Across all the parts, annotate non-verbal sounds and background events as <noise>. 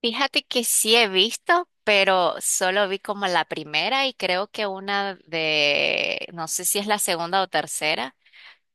Fíjate que sí he visto, pero solo vi como la primera y creo que una de, no sé si es la segunda o tercera,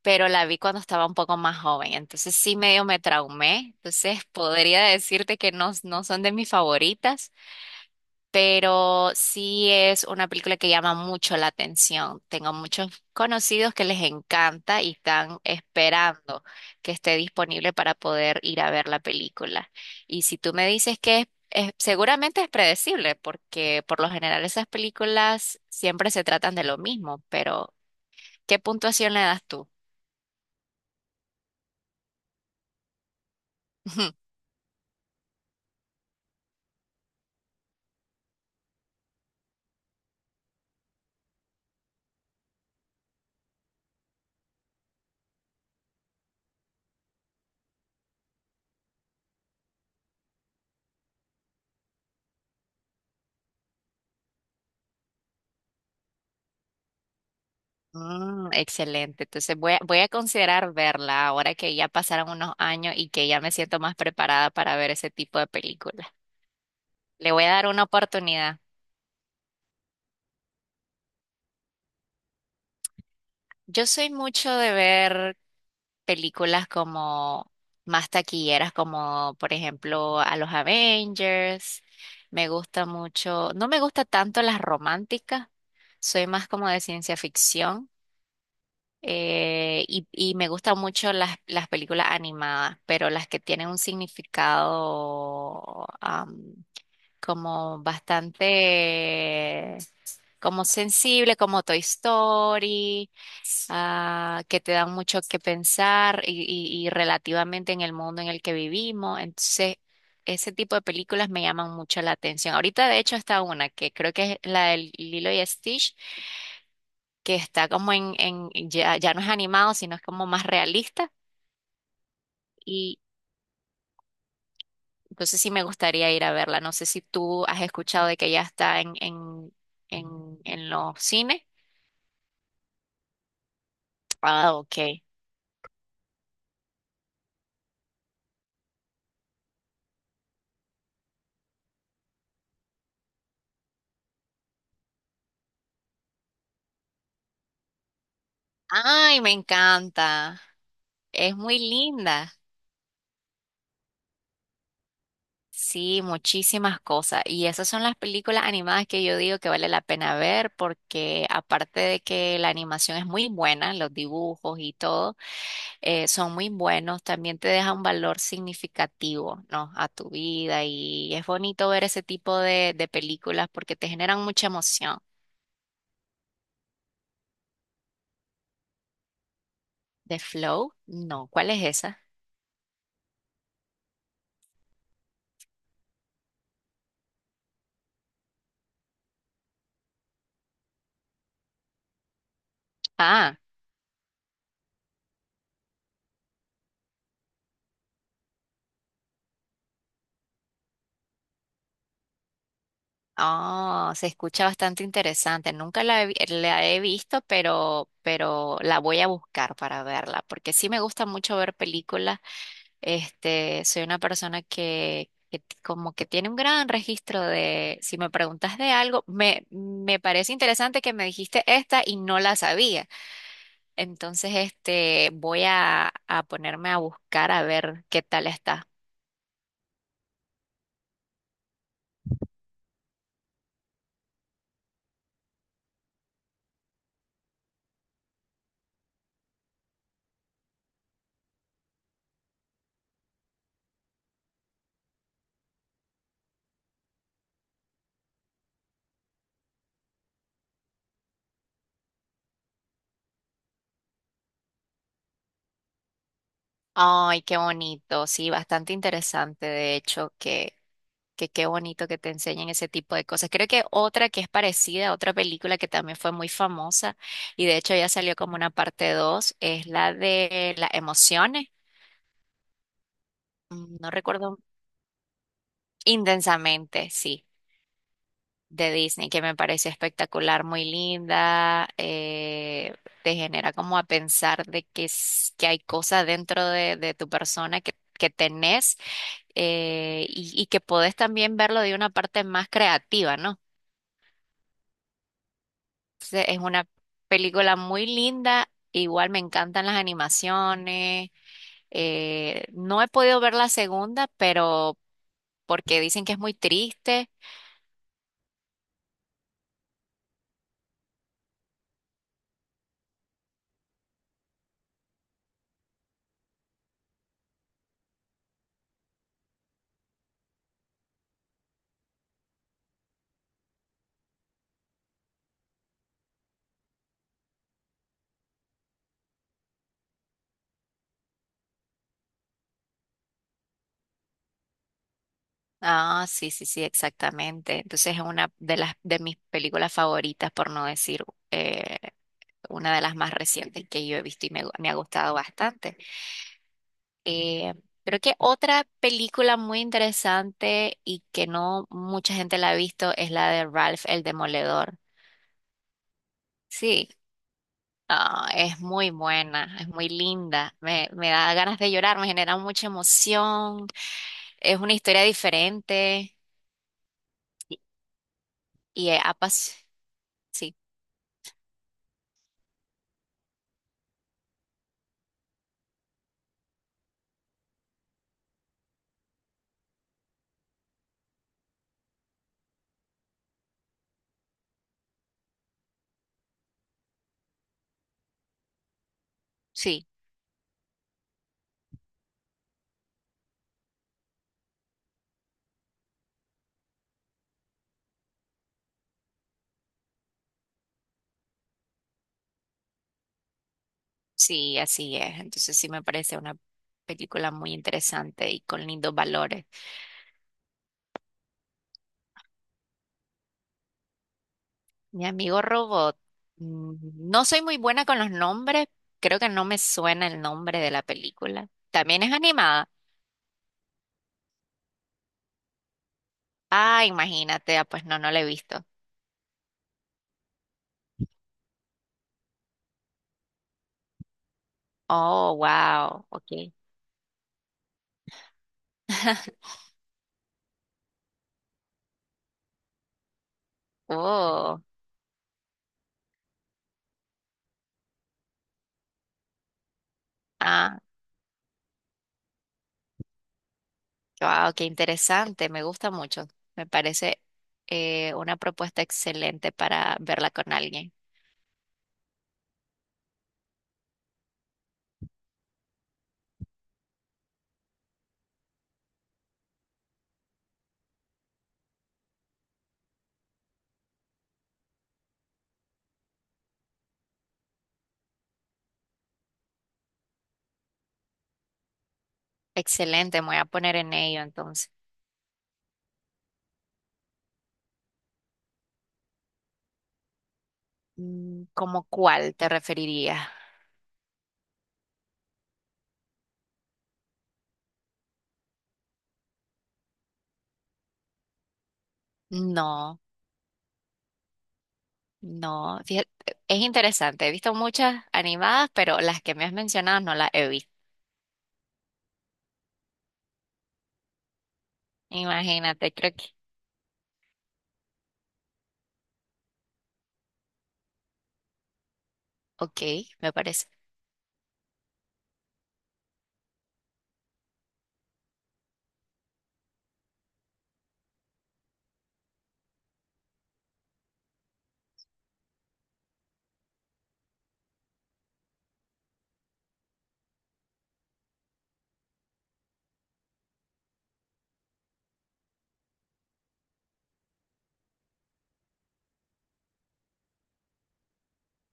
pero la vi cuando estaba un poco más joven, entonces sí medio me traumé, entonces podría decirte que no, no son de mis favoritas, pero sí es una película que llama mucho la atención. Tengo muchos conocidos que les encanta y están esperando que esté disponible para poder ir a ver la película. Y si tú me dices que seguramente es predecible, porque por lo general esas películas siempre se tratan de lo mismo, pero ¿qué puntuación le das tú? <laughs> Mm, excelente, entonces voy a considerar verla ahora que ya pasaron unos años y que ya me siento más preparada para ver ese tipo de películas. Le voy a dar una oportunidad. Yo soy mucho de ver películas como más taquilleras, como por ejemplo a los Avengers. Me gusta mucho, no me gusta tanto las románticas, soy más como de ciencia ficción. Y me gustan mucho las películas animadas, pero las que tienen un significado como bastante, como sensible, como Toy Story, que te dan mucho que pensar y relativamente en el mundo en el que vivimos. Entonces, ese tipo de películas me llaman mucho la atención. Ahorita, de hecho, está una que creo que es la del Lilo y Stitch, que está como en ya, ya no es animado, sino es como más realista. Y entonces sí me gustaría ir a verla. No sé si tú has escuchado de que ya está en, en los cines. Ah, ok. Ay, me encanta. Es muy linda. Sí, muchísimas cosas. Y esas son las películas animadas que yo digo que vale la pena ver porque aparte de que la animación es muy buena, los dibujos y todo, son muy buenos, también te deja un valor significativo, ¿no? A tu vida. Y es bonito ver ese tipo de películas porque te generan mucha emoción. ¿De Flow? No, ¿cuál es esa? Ah. Oh, se escucha bastante interesante. Nunca la he visto, pero la voy a buscar para verla, porque sí me gusta mucho ver películas. Este, soy una persona que como que tiene un gran registro de, si me preguntas de algo, me parece interesante que me dijiste esta y no la sabía. Entonces, este, a ponerme a buscar a ver qué tal está. Ay, qué bonito, sí, bastante interesante, de hecho, que. Que qué bonito que te enseñen ese tipo de cosas. Creo que otra que es parecida, otra película que también fue muy famosa y de hecho ya salió como una parte 2 es la de las emociones, mm, no recuerdo, intensamente, sí, de Disney, que me pareció espectacular, muy linda, te genera como a pensar de que hay cosas dentro de tu persona que tenés y que podés también verlo de una parte más creativa, ¿no? Entonces, es una película muy linda. Igual me encantan las animaciones. No he podido ver la segunda, pero porque dicen que es muy triste. Ah, sí, sí, sí, exactamente. Entonces es una de las de mis películas favoritas, por no decir eh, una de las más recientes que yo he visto y me ha gustado bastante. Eh, Creo que otra película muy interesante y que no mucha gente la ha visto es la de Ralph el Demoledor. Sí, ah, es muy buena, es muy linda. Me da ganas de llorar, me genera mucha emoción. Es una historia diferente y Sí, sí, sí, así es. Entonces sí me parece una película muy interesante y con lindos valores. Mi amigo Robot, mm, no soy muy buena con los nombres, creo que no me suena el nombre de la película. También es animada. Ah, imagínate, ah, pues no, no la he visto. Oh, wow, ok. <laughs> Oh. Ah, wow, qué interesante, me gusta mucho. Me parece una propuesta excelente para verla con alguien. Excelente, me voy a poner en ello entonces. Mm, ¿cómo cuál te referirías? No, no, fíjate, es interesante, he visto muchas animadas, pero las que me has mencionado no las he visto. Imagínate, creo que. Ok, me parece.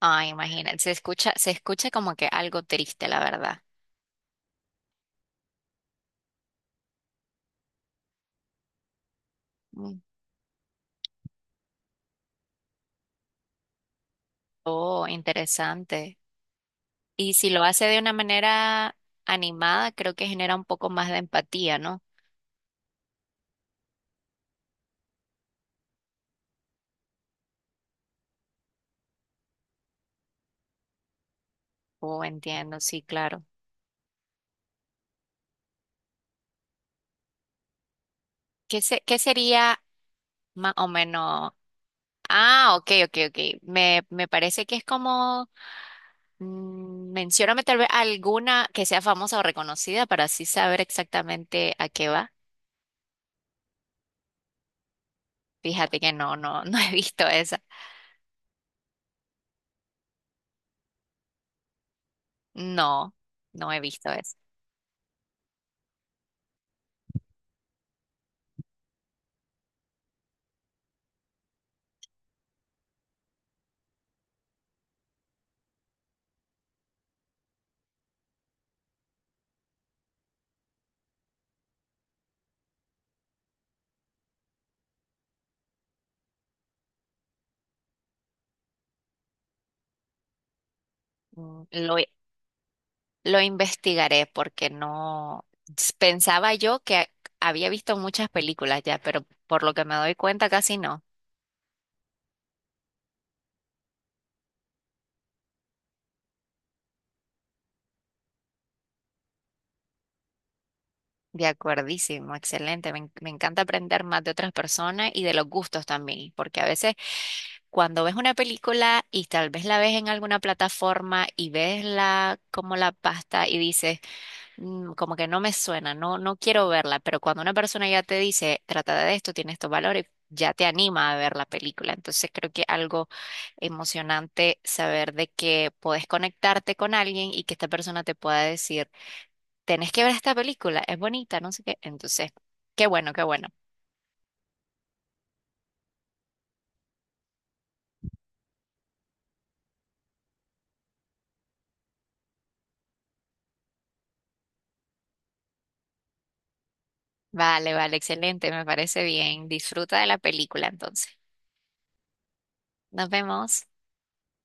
Ah, imagínate, se escucha como que algo triste, la verdad. Mm. Oh, interesante. Y si lo hace de una manera animada, creo que genera un poco más de empatía, ¿no? Oh, entiendo, sí, claro. ¿Qué sería más o menos? Ah, ok, ok, ok. Me parece que es como, mm, mencióname tal vez alguna que sea famosa o reconocida para así saber exactamente a qué va. Fíjate que no, no, <laughs> no he visto esa. No, no he visto esa. Mm, lo investigaré porque no pensaba yo que había visto muchas películas ya, pero por lo que me doy cuenta casi no. De acuerdísimo, excelente. Me encanta aprender más de otras personas y de los gustos también, porque a veces cuando ves una película y tal vez la ves en alguna plataforma y ves la como la pasta y dices mm, como que no me suena, no, no quiero verla, pero cuando una persona ya te dice, trata de esto, tiene estos valores, ya te anima a ver la película. Entonces creo que algo emocionante saber de que puedes conectarte con alguien y que esta persona te pueda decir, tenés que ver esta película, es bonita, no sé qué. Entonces, qué bueno, qué bueno. Vale, vale, excelente, me parece bien. Disfruta de la película entonces. Nos vemos.